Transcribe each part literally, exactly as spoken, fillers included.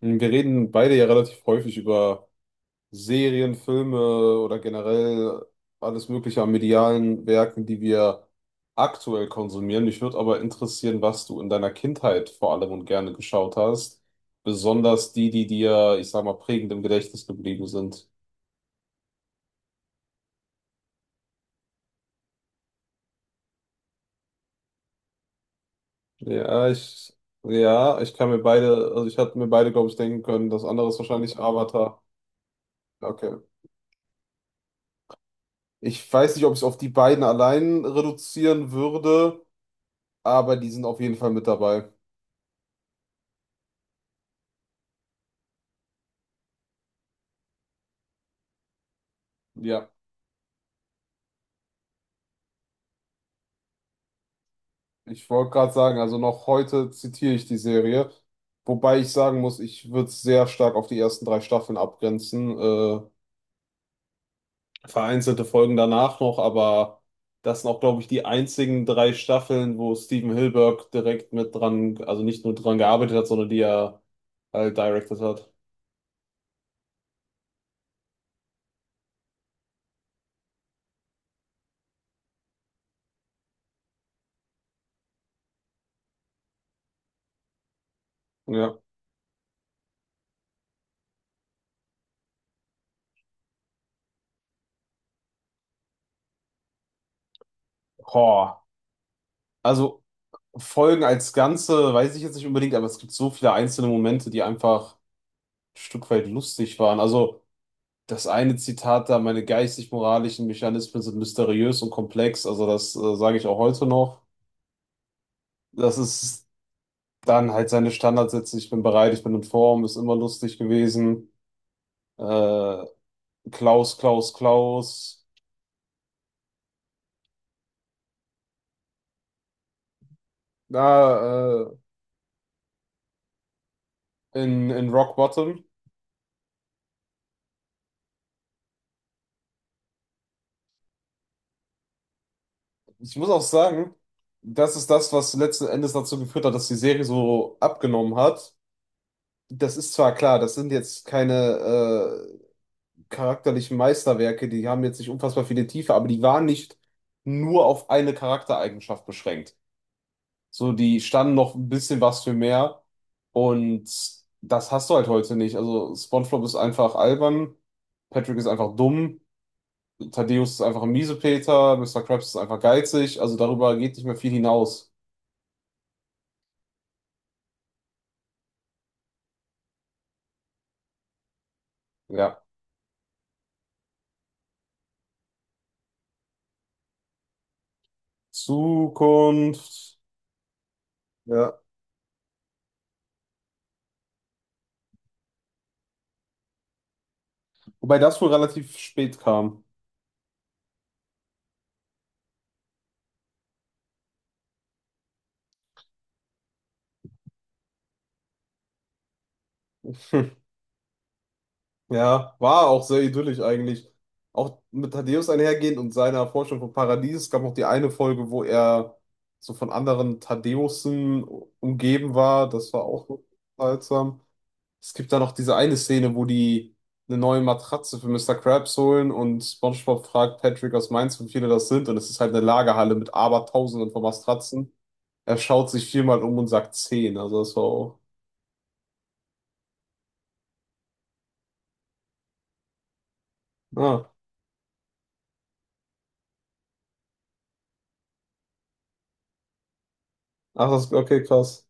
Wir reden beide ja relativ häufig über Serien, Filme oder generell alles Mögliche an medialen Werken, die wir aktuell konsumieren. Mich würde aber interessieren, was du in deiner Kindheit vor allem und gerne geschaut hast. Besonders die, die dir, ich sag mal, prägend im Gedächtnis geblieben sind. Ja, ich, ja, ich kann mir beide, also ich hatte mir beide, glaube ich, denken können. Das andere ist wahrscheinlich Avatar. Okay. Ich weiß nicht, ob ich es auf die beiden allein reduzieren würde, aber die sind auf jeden Fall mit dabei. Ja, ich wollte gerade sagen, also noch heute zitiere ich die Serie, wobei ich sagen muss, ich würde es sehr stark auf die ersten drei Staffeln abgrenzen. Äh, vereinzelte Folgen danach noch, aber das sind auch, glaube ich, die einzigen drei Staffeln, wo Steven Hilberg direkt mit dran, also nicht nur dran gearbeitet hat, sondern die er halt directed hat. Ja. Boah. Also Folgen als Ganze weiß ich jetzt nicht unbedingt, aber es gibt so viele einzelne Momente, die einfach ein Stück weit lustig waren. Also das eine Zitat da, meine geistig-moralischen Mechanismen sind mysteriös und komplex, also das äh, sage ich auch heute noch. Das ist dann halt seine Standardsätze, ich bin bereit, ich bin in Form, ist immer lustig gewesen. Äh, Klaus, Klaus, Klaus, da äh, in, in Rock Bottom. Ich muss auch sagen, das ist das, was letzten Endes dazu geführt hat, dass die Serie so abgenommen hat. Das ist zwar klar, das sind jetzt keine äh, charakterlichen Meisterwerke, die haben jetzt nicht unfassbar viele Tiefe, aber die waren nicht nur auf eine Charaktereigenschaft beschränkt. So, die standen noch ein bisschen was für mehr und das hast du halt heute nicht. Also SpongeBob ist einfach albern, Patrick ist einfach dumm, Thaddeus ist einfach ein Miesepeter, Mister Krabs ist einfach geizig, also darüber geht nicht mehr viel hinaus. Ja. Zukunft. Ja. Wobei das wohl relativ spät kam. Ja, war auch sehr idyllisch eigentlich. Auch mit Thaddäus einhergehend und seiner Forschung vom Paradies. Es gab noch die eine Folge, wo er so von anderen Thaddäusen umgeben war. Das war auch so seltsam. Es gibt da noch diese eine Szene, wo die eine neue Matratze für Mister Krabs holen und SpongeBob fragt Patrick aus Mainz, wie viele das sind. Und es ist halt eine Lagerhalle mit Abertausenden von Matratzen. Er schaut sich viermal um und sagt zehn. Also das war auch. Ah, ach, das, okay, krass.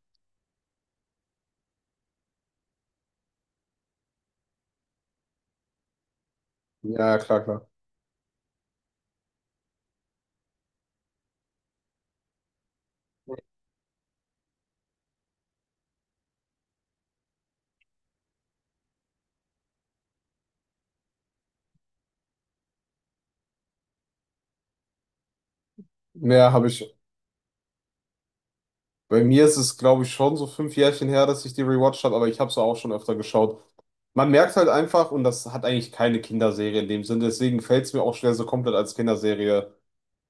Ja, klar, klar. Mehr habe ich. Bei mir ist es, glaube ich, schon so fünf Jährchen her, dass ich die rewatcht habe, aber ich habe es auch schon öfter geschaut. Man merkt halt einfach, und das hat eigentlich keine Kinderserie in dem Sinne, deswegen fällt es mir auch schwer, so komplett als Kinderserie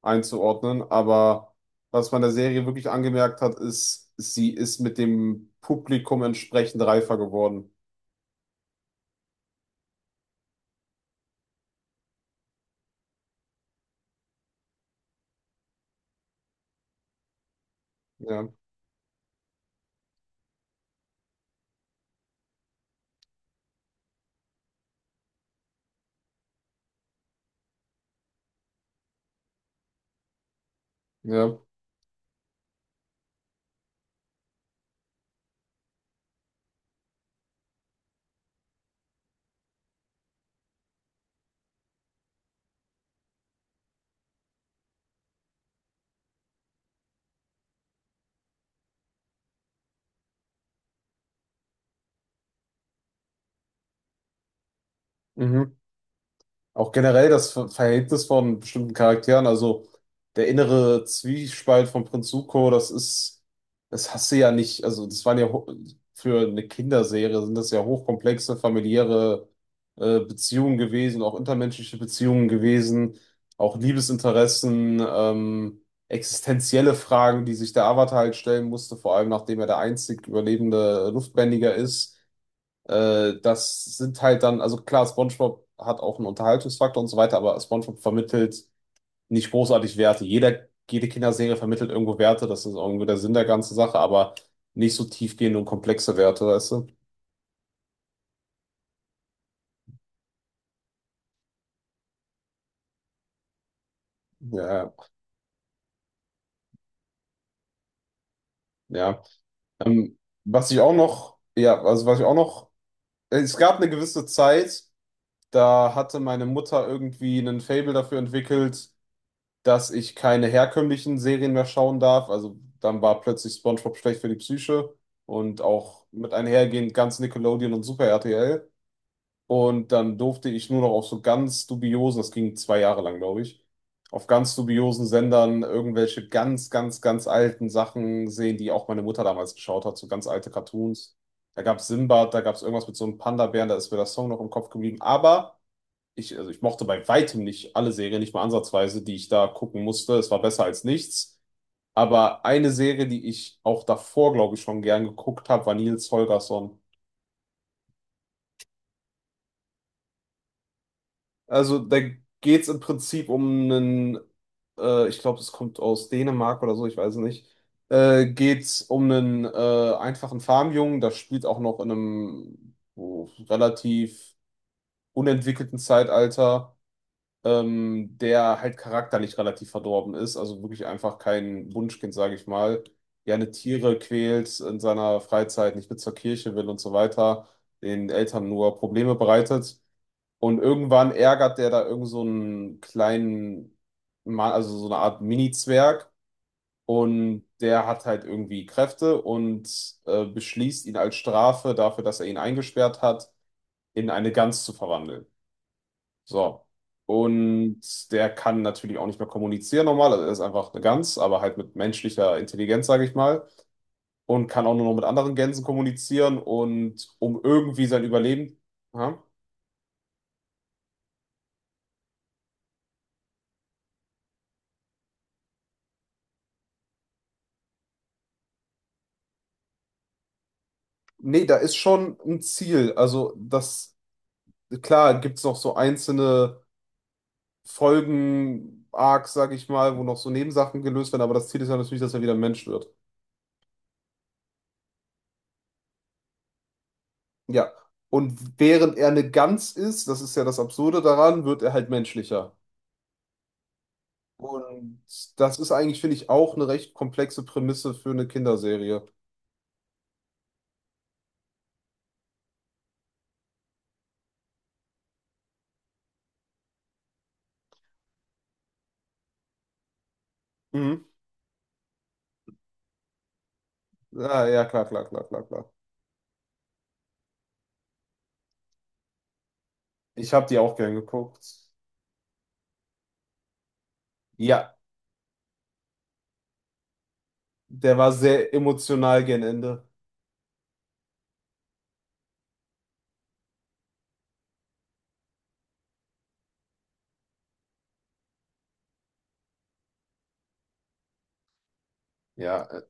einzuordnen. Aber was man der Serie wirklich angemerkt hat, ist, sie ist mit dem Publikum entsprechend reifer geworden. Ja, ja. Mhm. Auch generell das Ver- Verhältnis von bestimmten Charakteren, also der innere Zwiespalt von Prinz Zuko, das ist, das hast du ja nicht, also das waren ja ho- für eine Kinderserie sind das ja hochkomplexe familiäre äh, Beziehungen gewesen, auch intermenschliche Beziehungen gewesen, auch Liebesinteressen, ähm, existenzielle Fragen, die sich der Avatar halt stellen musste, vor allem nachdem er der einzig überlebende Luftbändiger ist. Äh, das sind halt dann, also klar, SpongeBob hat auch einen Unterhaltungsfaktor und so weiter, aber SpongeBob vermittelt nicht großartig Werte. Jeder, jede Kinderserie vermittelt irgendwo Werte, das ist irgendwie der Sinn der ganzen Sache, aber nicht so tiefgehende und komplexe Werte, weißt du? Ja, ja. Ähm, was ich auch noch, ja, also was ich auch noch, es gab eine gewisse Zeit, da hatte meine Mutter irgendwie einen Faible dafür entwickelt, dass ich keine herkömmlichen Serien mehr schauen darf. Also dann war plötzlich SpongeBob schlecht für die Psyche und auch mit einhergehend ganz Nickelodeon und Super R T L. Und dann durfte ich nur noch auf so ganz dubiosen, das ging zwei Jahre lang, glaube ich, auf ganz dubiosen Sendern irgendwelche ganz, ganz, ganz alten Sachen sehen, die auch meine Mutter damals geschaut hat, so ganz alte Cartoons. Da gab es Sinbad, da gab es irgendwas mit so einem Panda-Bären, da ist mir der Song noch im Kopf geblieben. Aber ich, also ich mochte bei weitem nicht alle Serien, nicht mal ansatzweise, die ich da gucken musste. Es war besser als nichts. Aber eine Serie, die ich auch davor, glaube ich, schon gern geguckt habe, war Nils Holgersson. Also da geht's im Prinzip um einen, äh, ich glaube, es kommt aus Dänemark oder so, ich weiß es nicht. Äh, geht's um einen äh, einfachen Farmjungen, das spielt auch noch in einem oh, relativ unentwickelten Zeitalter ähm, der halt charakterlich relativ verdorben ist, also wirklich einfach kein Wunschkind, sage ich mal, gerne Tiere quält in seiner Freizeit, nicht mit zur Kirche will und so weiter, den Eltern nur Probleme bereitet. Und irgendwann ärgert der da irgend so einen kleinen Mann, also so eine Art Mini-Zwerg. Und der hat halt irgendwie Kräfte und äh, beschließt ihn als Strafe dafür, dass er ihn eingesperrt hat, in eine Gans zu verwandeln. So. Und der kann natürlich auch nicht mehr kommunizieren normal. Also er ist einfach eine Gans, aber halt mit menschlicher Intelligenz, sage ich mal. Und kann auch nur noch mit anderen Gänsen kommunizieren und um irgendwie sein Überleben. Ja. Nee, da ist schon ein Ziel. Also, das, klar, gibt es noch so einzelne Folgen-Arcs, sage ich mal, wo noch so Nebensachen gelöst werden, aber das Ziel ist ja natürlich, dass er wieder ein Mensch wird. Ja. Und während er eine Gans ist, das ist ja das Absurde daran, wird er halt menschlicher. Und das ist eigentlich, finde ich, auch eine recht komplexe Prämisse für eine Kinderserie. Mhm. Ah, ja, klar, klar, klar, klar, klar. Ich habe die auch gern geguckt. Ja, der war sehr emotional gegen Ende. Ja, äh,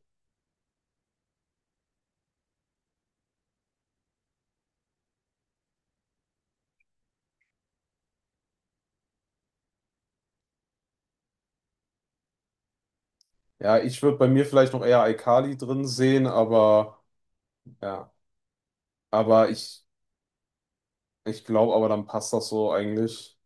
ja, ich würde bei mir vielleicht noch eher Alkali drin sehen, aber ja, aber ich, ich glaube, aber dann passt das so eigentlich.